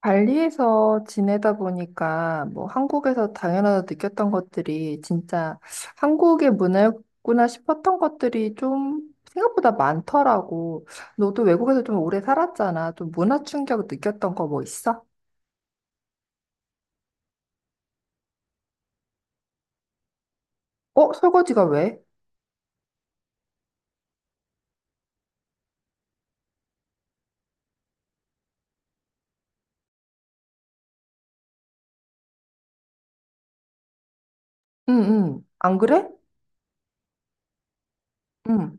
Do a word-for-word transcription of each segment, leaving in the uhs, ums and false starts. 발리에서 지내다 보니까 뭐 한국에서 당연하다 느꼈던 것들이 진짜 한국의 문화였구나 싶었던 것들이 좀 생각보다 많더라고. 너도 외국에서 좀 오래 살았잖아. 좀 문화 충격 느꼈던 거 뭐 있어? 어, 설거지가 왜? 응, 응. 안 그래? 응,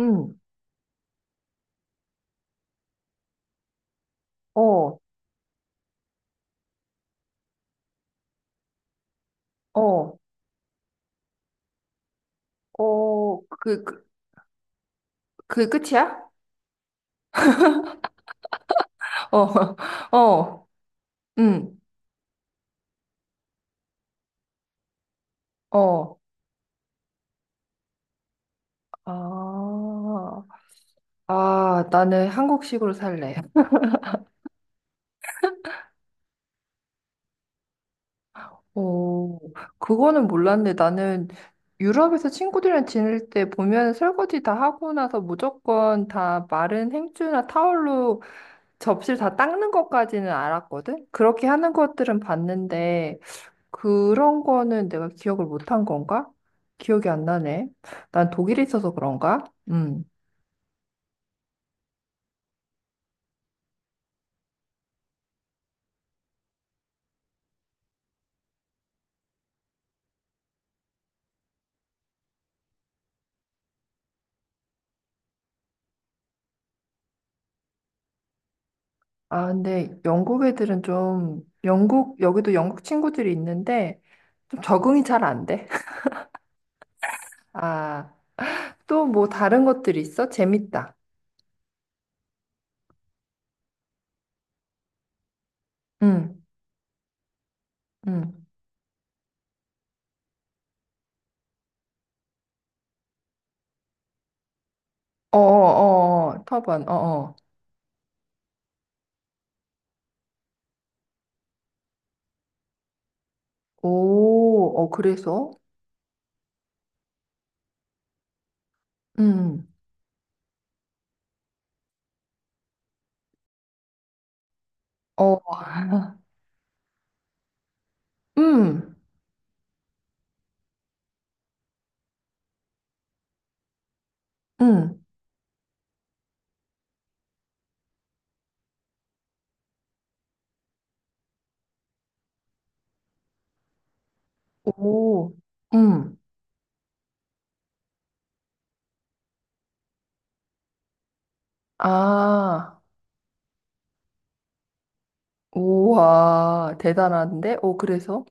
응. 어, 어, 어, 그, 그, 그 끝이야? 어, 어, 응, 어. 아, 아, 나는 한국식으로 살래. 오, 그거는 몰랐네. 나는 유럽에서 친구들이랑 지낼 때 보면 설거지 다 하고 나서 무조건 다 마른 행주나 타월로 접시를 다 닦는 것까지는 알았거든? 그렇게 하는 것들은 봤는데, 그런 거는 내가 기억을 못 한 건가? 기억이 안 나네. 난 독일에 있어서 그런가? 음. 아, 근데 영국 애들은 좀, 영국, 여기도 영국 친구들이 있는데, 좀 적응이 잘 안 돼. 아. 또 뭐 다른 것들이 있어? 재밌다. 응, 응, 어어어, 터번, 어어. 오, 어, 그래서? 응, 어, 음, 응, 오, 응. 아, 우와, 대단한데? 오, 그래서?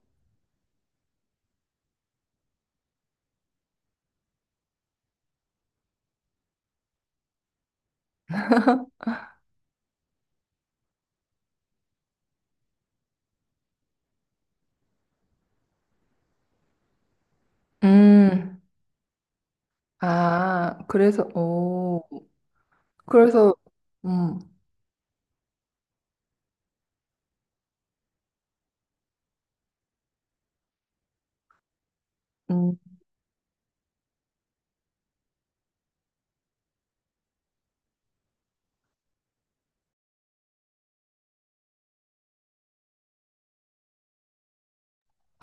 음, 아, 그래서, 오, 그래서, 음. 음.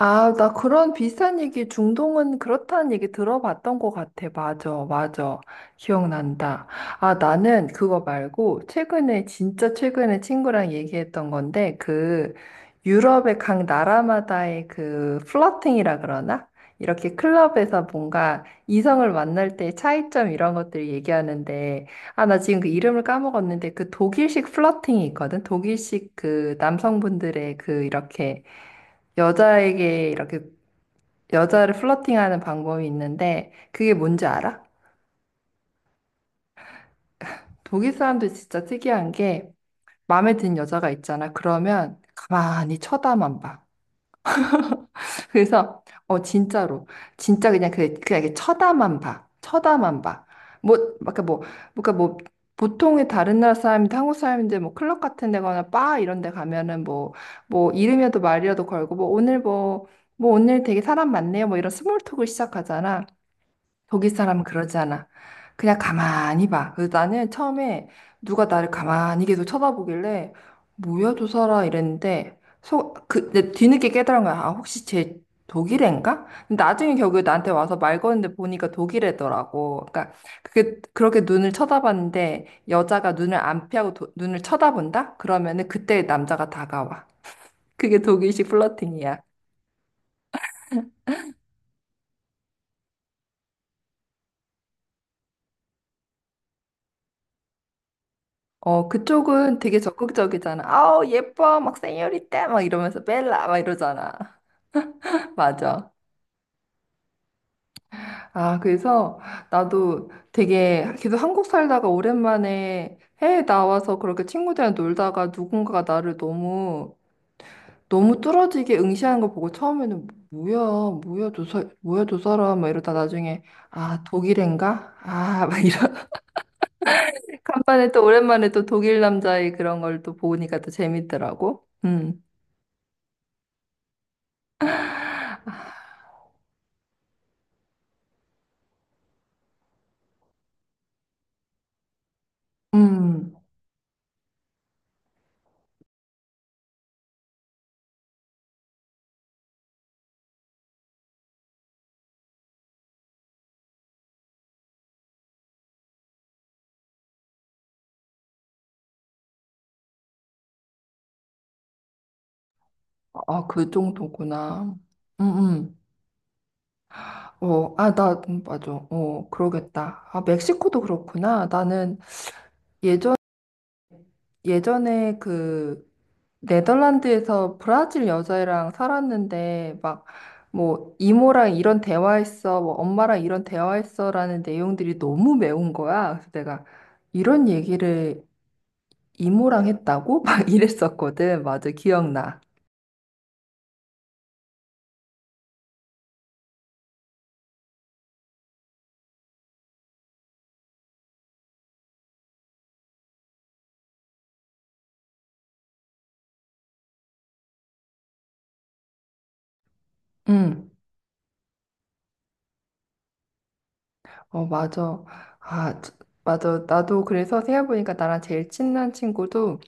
아, 나 그런 비슷한 얘기, 중동은 그렇다는 얘기 들어봤던 것 같아. 맞아, 맞아. 기억난다. 아, 나는 그거 말고, 최근에, 진짜 최근에 친구랑 얘기했던 건데, 그, 유럽의 각 나라마다의 그, 플러팅이라 그러나? 이렇게 클럽에서 뭔가 이성을 만날 때 차이점 이런 것들 얘기하는데, 아, 나 지금 그 이름을 까먹었는데, 그 독일식 플러팅이 있거든? 독일식 그 남성분들의 그 이렇게, 여자에게 이렇게 여자를 플러팅하는 방법이 있는데 그게 뭔지 알아? 독일 사람들 진짜 특이한 게 마음에 든 여자가 있잖아. 그러면 가만히 쳐다만 봐. 그래서 어 진짜로 진짜 그냥 그 그냥 이렇게 쳐다만 봐. 쳐다만 봐. 뭐 그러니까 뭐 그러니까 뭐 보통의 다른 나라 사람인데 한국 사람인데 뭐 클럽 같은 데거나 바 이런 데 가면은 뭐 뭐 이름이라도 말이라도 걸고 뭐 오늘 뭐 뭐 오늘 되게 사람 많네요. 뭐 이런 스몰 톡을 시작하잖아. 독일 사람은 그러지 않아. 그냥 가만히 봐. 그래서 나는 처음에 누가 나를 가만히 계속 쳐다보길래 뭐야 저 사람 이랬는데 속, 그, 내 뒤늦게 깨달은 거야. 아 혹시 쟤 독일애인가? 근데 나중에 결국에 나한테 와서 말 거는데 보니까 독일애더라고. 그러니까 그게 그렇게 눈을 쳐다봤는데 여자가 눈을 안 피하고 도- 눈을 쳐다본다? 그러면은 그때 남자가 다가와. 그게 독일식 플러팅이야. 어, 그쪽은 되게 적극적이잖아. 아우, 예뻐. 막 세뇨리떼. 막 이러면서 벨라. 막 이러잖아. 맞아. 아, 그래서 나도 되게 계속 한국 살다가 오랜만에 해외 나와서 그렇게 친구들이랑 놀다가 누군가가 나를 너무 너무 뚫어지게 응시하는 걸 보고 처음에는 뭐야, 뭐야, 저 사, 뭐야, 저 사람, 막 이러다 나중에, 아, 독일인가? 아, 막 이런. 간만에 또 오랜만에 또 독일 남자의 그런 걸 또 보니까 또 재밌더라고. 음. 음. 아, 그 정도구나. 응 응. 어, 아, 나, 음, 맞아. 어, 그러겠다. 아, 멕시코도 그렇구나. 나는 예전, 예전에 그, 네덜란드에서 브라질 여자애랑 살았는데, 막, 뭐, 이모랑 이런 대화했어, 뭐, 엄마랑 이런 대화했어라는 내용들이 너무 매운 거야. 그래서 내가 이런 얘기를 이모랑 했다고? 막 이랬었거든. 맞아, 기억나. 응. 어, 맞아. 아, 저- 맞아. 나도 그래서 생각해보니까 나랑 제일 친한 친구도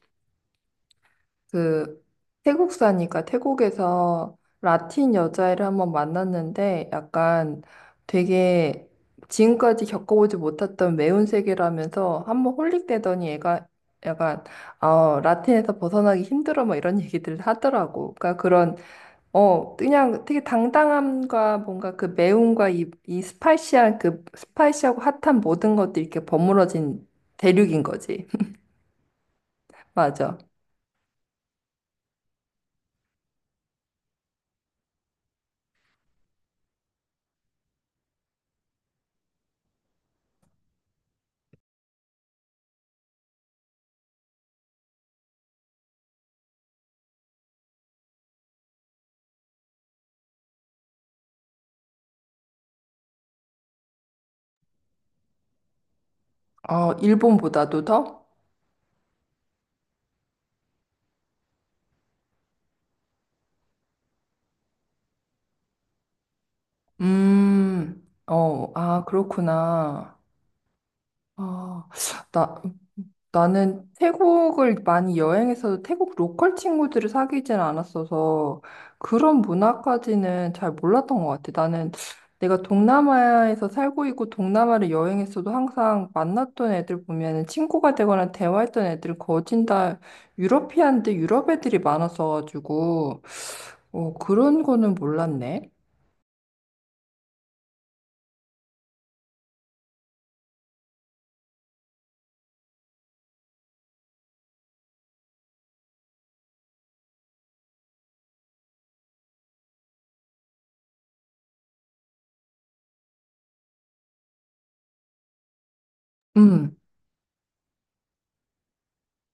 그 태국 사니까 태국에서 라틴 여자애를 한번 만났는데 약간 되게 지금까지 겪어보지 못했던 매운 세계라면서 한번 홀릭되더니 애가 약간 어, 라틴에서 벗어나기 힘들어 뭐 이런 얘기들 하더라고. 그러니까 그런 어, 그냥 되게 당당함과 뭔가 그 매움과 이, 이 스파이시한 그 스파이시하고 핫한 모든 것들이 이렇게 버무러진 대륙인 거지. 맞아. 어, 일본보다도 더? 음, 어, 아, 그렇구나. 어, 나, 나는 태국을 많이 여행해서 태국 로컬 친구들을 사귀진 않았어서 그런 문화까지는 잘 몰랐던 것 같아. 나는 내가 동남아에서 살고 있고 동남아를 여행했어도 항상 만났던 애들 보면은 친구가 되거나 대화했던 애들은 거진 다 유러피안데 유럽 애들이 많았어가지고 어, 그런 거는 몰랐네. 음.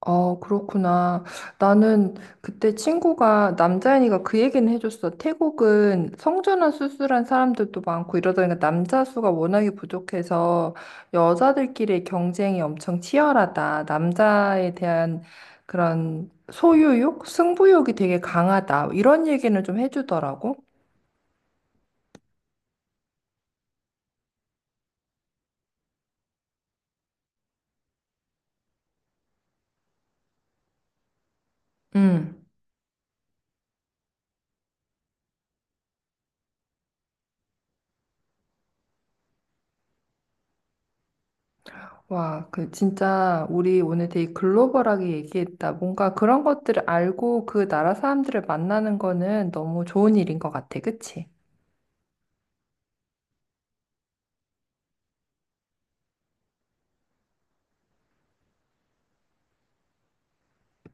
아, 그렇구나. 나는 그때 친구가, 남자애니까 그 얘기는 해줬어. 태국은 성전환 수술한 사람들도 많고 이러다 보니까 남자 수가 워낙에 부족해서 여자들끼리의 경쟁이 엄청 치열하다. 남자에 대한 그런 소유욕? 승부욕이 되게 강하다. 이런 얘기는 좀 해주더라고. 음. 와, 그 진짜 우리 오늘 되게 글로벌하게 얘기했다. 뭔가 그런 것들을 알고 그 나라 사람들을 만나는 거는 너무 좋은 일인 것 같아. 그치?